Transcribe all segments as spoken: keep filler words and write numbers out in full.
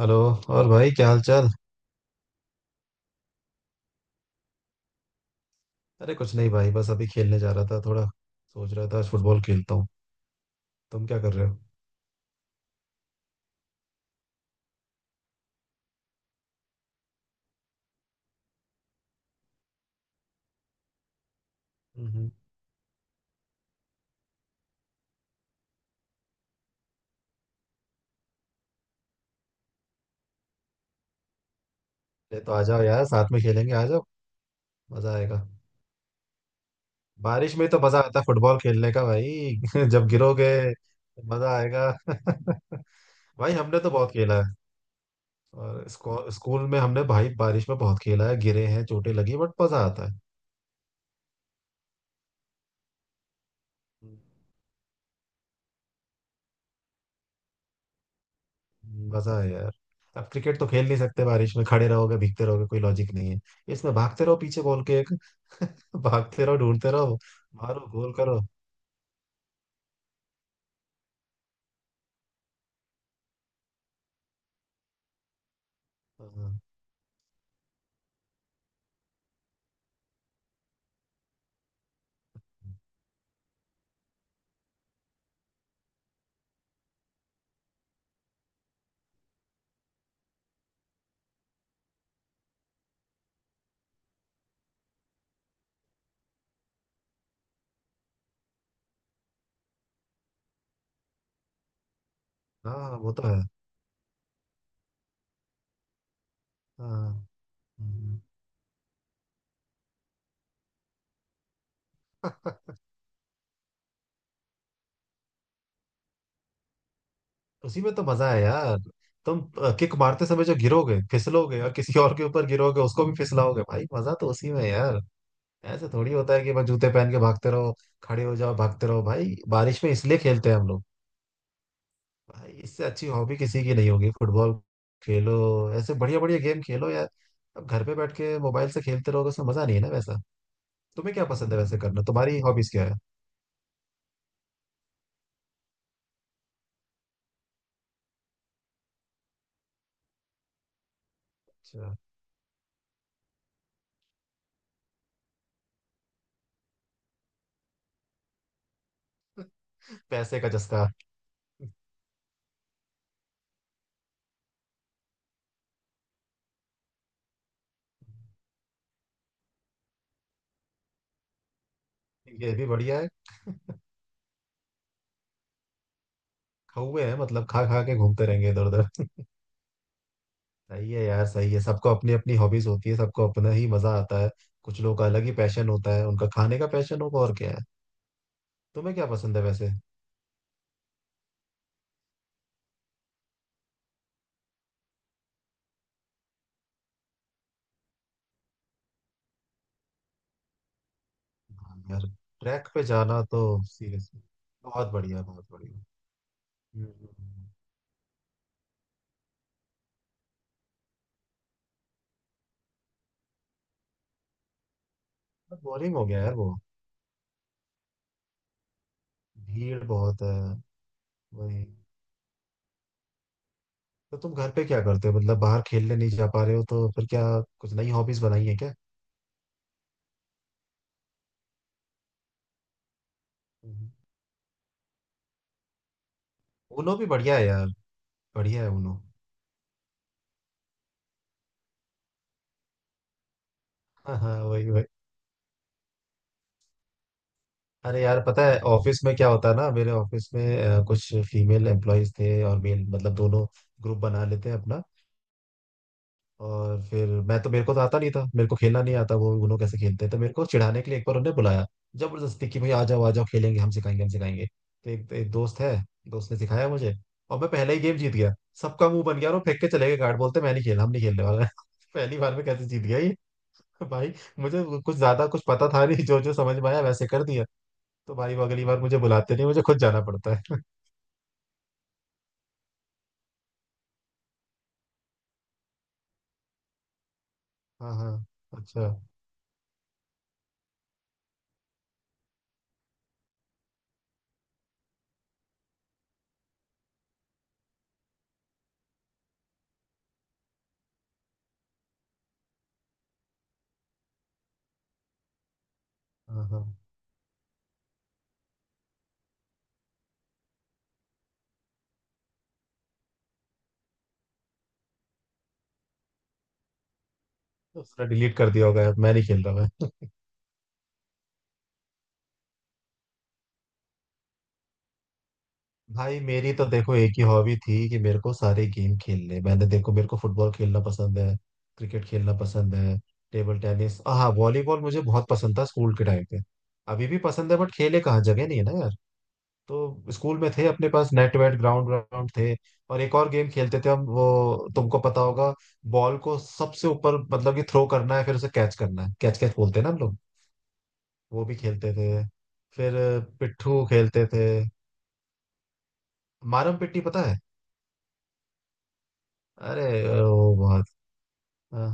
Hello. और भाई क्या हाल चाल? अरे कुछ नहीं भाई, बस अभी खेलने जा रहा था। थोड़ा सोच रहा था आज फुटबॉल खेलता हूँ। तुम क्या कर रहे हो? हम्म। अरे तो आ जाओ यार, साथ में खेलेंगे, आ जाओ, मजा आएगा। बारिश में तो मजा आता है फुटबॉल खेलने का भाई। जब गिरोगे तो मजा आएगा। भाई हमने तो बहुत खेला है। और स्कू- स्कूल में हमने भाई बारिश में बहुत खेला है, गिरे हैं, चोटें लगी, बट मजा आता है। हम्म। मजा है यार। अब क्रिकेट तो खेल नहीं सकते बारिश में, खड़े रहोगे भीगते रहोगे, कोई लॉजिक नहीं है इसमें। भागते रहो पीछे बॉल के, भागते रहो ढूंढते रहो, मारो गोल करो। हाँ हाँ, वो तो है। हाँ। हम्म। उसी में तो मजा है यार। तुम किक मारते समय जो गिरोगे, फिसलोगे और किसी और के ऊपर गिरोगे, उसको भी फिसलाओगे भाई, मजा तो उसी में है यार। ऐसे थोड़ी होता है कि बस जूते पहन के भागते रहो, खड़े हो जाओ भागते रहो। भाई बारिश में इसलिए खेलते हैं हम लोग। भाई इससे अच्छी हॉबी किसी की नहीं होगी फुटबॉल। खेलो, ऐसे बढ़िया बढ़िया गेम खेलो यार। अब घर पे बैठ के मोबाइल से खेलते रहोगे, उसमें मजा नहीं है ना वैसा। तुम्हें क्या पसंद है वैसे करना, तुम्हारी हॉबीज क्या है? अच्छा। पैसे का जस्ता। ये भी बढ़िया है। हुए हैं मतलब, खा खा के घूमते रहेंगे इधर उधर। सही है यार, सही है, सबको अपनी अपनी हॉबीज होती है, सबको अपना ही मजा आता है। कुछ लोगों का अलग ही पैशन होता है, उनका खाने का पैशन होगा, और क्या है। तुम्हें क्या पसंद है वैसे? हाँ यार, ट्रैक पे जाना तो, सीरियसली, बहुत बढ़िया बहुत बढ़िया। बोरिंग हो गया यार वो। भीड़ बहुत है, वही। तो तुम घर पे क्या करते हो, मतलब बाहर खेलने नहीं जा पा रहे हो तो फिर क्या, कुछ नई हॉबीज बनाई है क्या? उनो भी बढ़िया है यार, बढ़िया है उनो। हाँ हाँ, वही वही। अरे यार पता है ऑफिस में क्या होता है ना, मेरे ऑफिस में अ, कुछ फीमेल एम्प्लॉयज थे और मेल, मतलब दोनों ग्रुप बना लेते हैं अपना। और फिर मैं तो, मेरे को तो आता नहीं था, मेरे को खेलना नहीं आता वो उनो कैसे खेलते हैं, तो मेरे को चिढ़ाने के लिए एक बार उन्होंने बुलाया जबरदस्ती कि भाई आ जाओ आ जाओ खेलेंगे, हम सिखाएंगे हम सिखाएंगे। तो एक, एक दोस्त है, दोस्त ने सिखाया मुझे और मैं पहले ही गेम जीत गया। सबका मुंह बन गया और वो फेंक के चले गए कार्ड, बोलते मैं नहीं खेल, हम नहीं खेलने वाला। पहली बार में कैसे जीत गया। भाई मुझे वो कुछ ज्यादा कुछ पता था नहीं, जो जो समझ में आया वैसे कर दिया। तो भाई वो अगली बार मुझे बुलाते नहीं, मुझे खुद जाना पड़ता है। हाँ हाँ। अच्छा। हाँ हाँ। तो उसने डिलीट कर दिया होगा, मैं नहीं खेल रहा मैं। भाई मेरी तो देखो एक ही हॉबी थी कि मेरे को सारे गेम खेलने, मैंने देखो मेरे को फुटबॉल खेलना पसंद है, क्रिकेट खेलना पसंद है, टेबल टेनिस, हाँ वॉलीबॉल मुझे बहुत पसंद था स्कूल के टाइम पे। अभी भी पसंद है बट खेले कहाँ, जगह नहीं है ना यार। तो स्कूल में थे अपने पास नेट वेट, ग्राउंड ग्राउंड थे। और एक और गेम खेलते थे हम, वो तुमको पता होगा, बॉल को सबसे ऊपर मतलब कि थ्रो करना है, फिर उसे कैच करना है, कैच कैच बोलते हैं ना हम लोग, वो भी खेलते थे। फिर अ, पिट्ठू खेलते थे। मारम पिट्टी पता है? अरे अ, वो बहुत। हाँ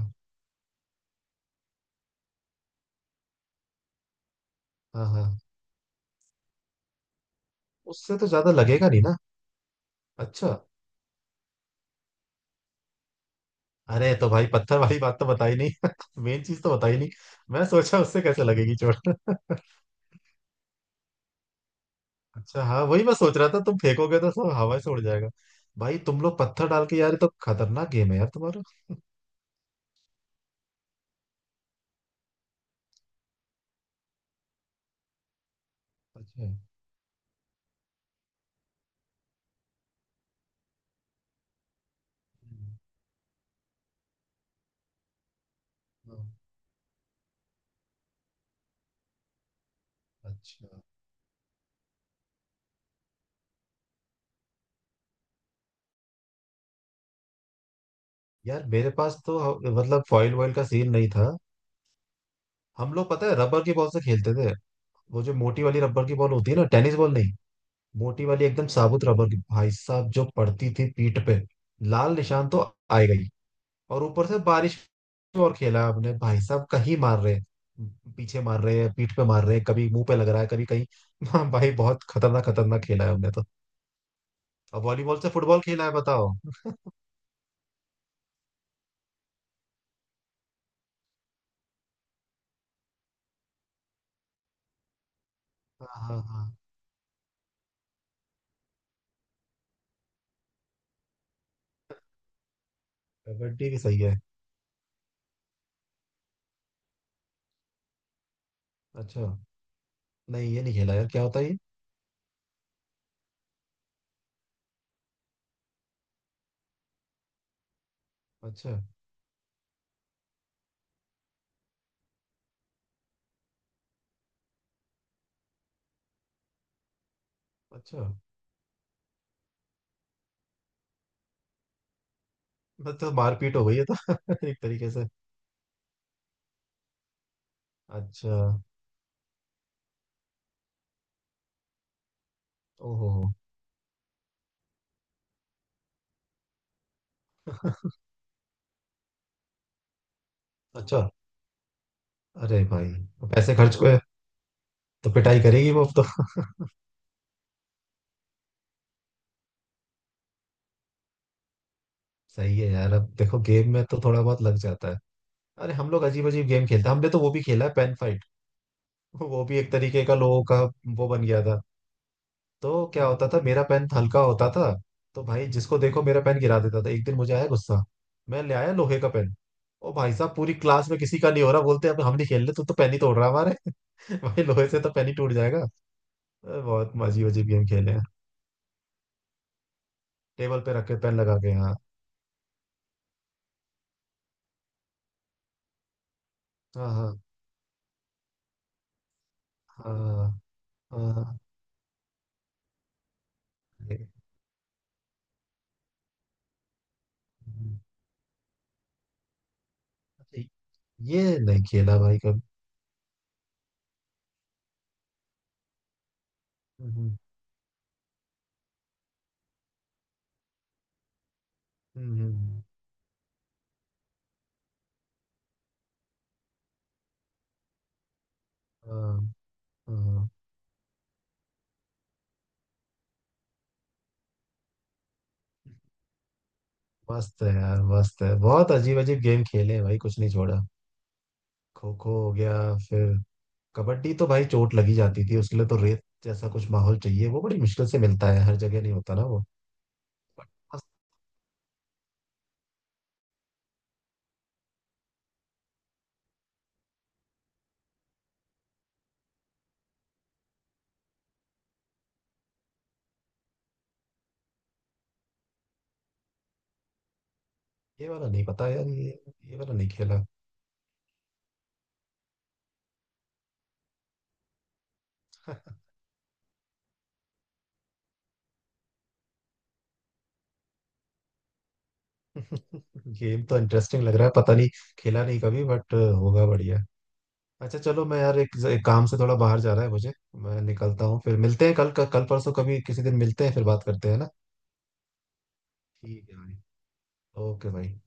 हाँ हाँ। उससे तो ज्यादा लगेगा नहीं ना। अच्छा। अरे तो भाई पत्थर वाली बात तो बताई नहीं। मेन चीज तो बताई नहीं। मैं सोचा उससे कैसे लगेगी चोट। अच्छा हाँ, वही मैं सोच रहा था, तुम फेंकोगे तो सब हवा से उड़ जाएगा। भाई तुम लोग पत्थर डाल के यार, ये तो खतरनाक गेम है यार तुम्हारा। अच्छा। हम्म। हाँ। अच्छा। यार मेरे पास तो ह- मतलब फॉइल वॉइल का सीन नहीं था। हम लोग पता है रबर की बॉल से खेलते थे। वो जो मोटी वाली रबर की बॉल होती है ना, टेनिस बॉल नहीं, मोटी वाली एकदम साबुत रबर की। भाई साहब जो पड़ती थी पीठ पे, लाल निशान तो आएगा ही। और ऊपर से बारिश में और खेला आपने, भाई साहब कहीं मार रहे हैं पीछे मार रहे हैं पीठ पे मार रहे हैं, कभी मुंह पे लग रहा है कभी कहीं। हाँ भाई बहुत खतरनाक खतरनाक खेला है हमने तो। अब वॉलीबॉल से फुटबॉल खेला है बताओ। हाँ हाँ हाँ। कबड्डी भी सही है। अच्छा। नहीं ये नहीं खेला यार, क्या होता है ये? अच्छा। अच्छा, मतलब तो मारपीट हो गई है तो, एक तरीके से। अच्छा। ओहो। अच्छा। अरे भाई, पैसे खर्च हुए, तो पिटाई करेगी वो अब तो। सही है यार, अब देखो गेम में तो थोड़ा बहुत लग जाता है। अरे हम लोग अजीब अजीब गेम खेलते हैं, हमने तो वो भी खेला है पेन फाइट। वो भी एक तरीके का लोगों का, वो बन गया था। तो क्या होता था, मेरा पेन हल्का होता था, तो भाई जिसको देखो मेरा पेन गिरा देता था। एक दिन मुझे आया गुस्सा, मैं ले आया लोहे का पेन। ओ भाई साहब, पूरी क्लास में किसी का नहीं हो रहा, बोलते अब हम नहीं खेल रहे, तू तो पेन ही तोड़ रहा है हमारे। भाई लोहे से तो पेन ही टूट जाएगा। अरे बहुत अजीब अजीब गेम खेले हैं। टेबल पे रख के पेन लगा के, हाँ। हाँ हाँ हाँ हाँ, हाँ। ये ये नहीं खेला भाई कभी। हम्म, हम्म, हम्म, हम्म। हाँ हाँ, मस्त है यार, मस्त है, बहुत अजीब अजीब गेम खेले हैं भाई, कुछ नहीं छोड़ा। खो खो हो गया, फिर कबड्डी तो भाई चोट लगी जाती थी, उसके लिए तो रेत जैसा कुछ माहौल चाहिए, वो बड़ी मुश्किल से मिलता है, हर जगह नहीं होता ना वो। बट मस्त। ये वाला नहीं पता यार ये ये वाला नहीं खेला। गेम तो इंटरेस्टिंग लग रहा है, पता नहीं खेला नहीं कभी बट होगा बढ़िया। अच्छा चलो, मैं यार एक, एक काम से थोड़ा बाहर जा रहा है मुझे, मैं निकलता हूँ। फिर मिलते हैं कल कल परसों कभी किसी दिन मिलते हैं, फिर बात करते हैं ना। ठीक है भाई। ओके भाई।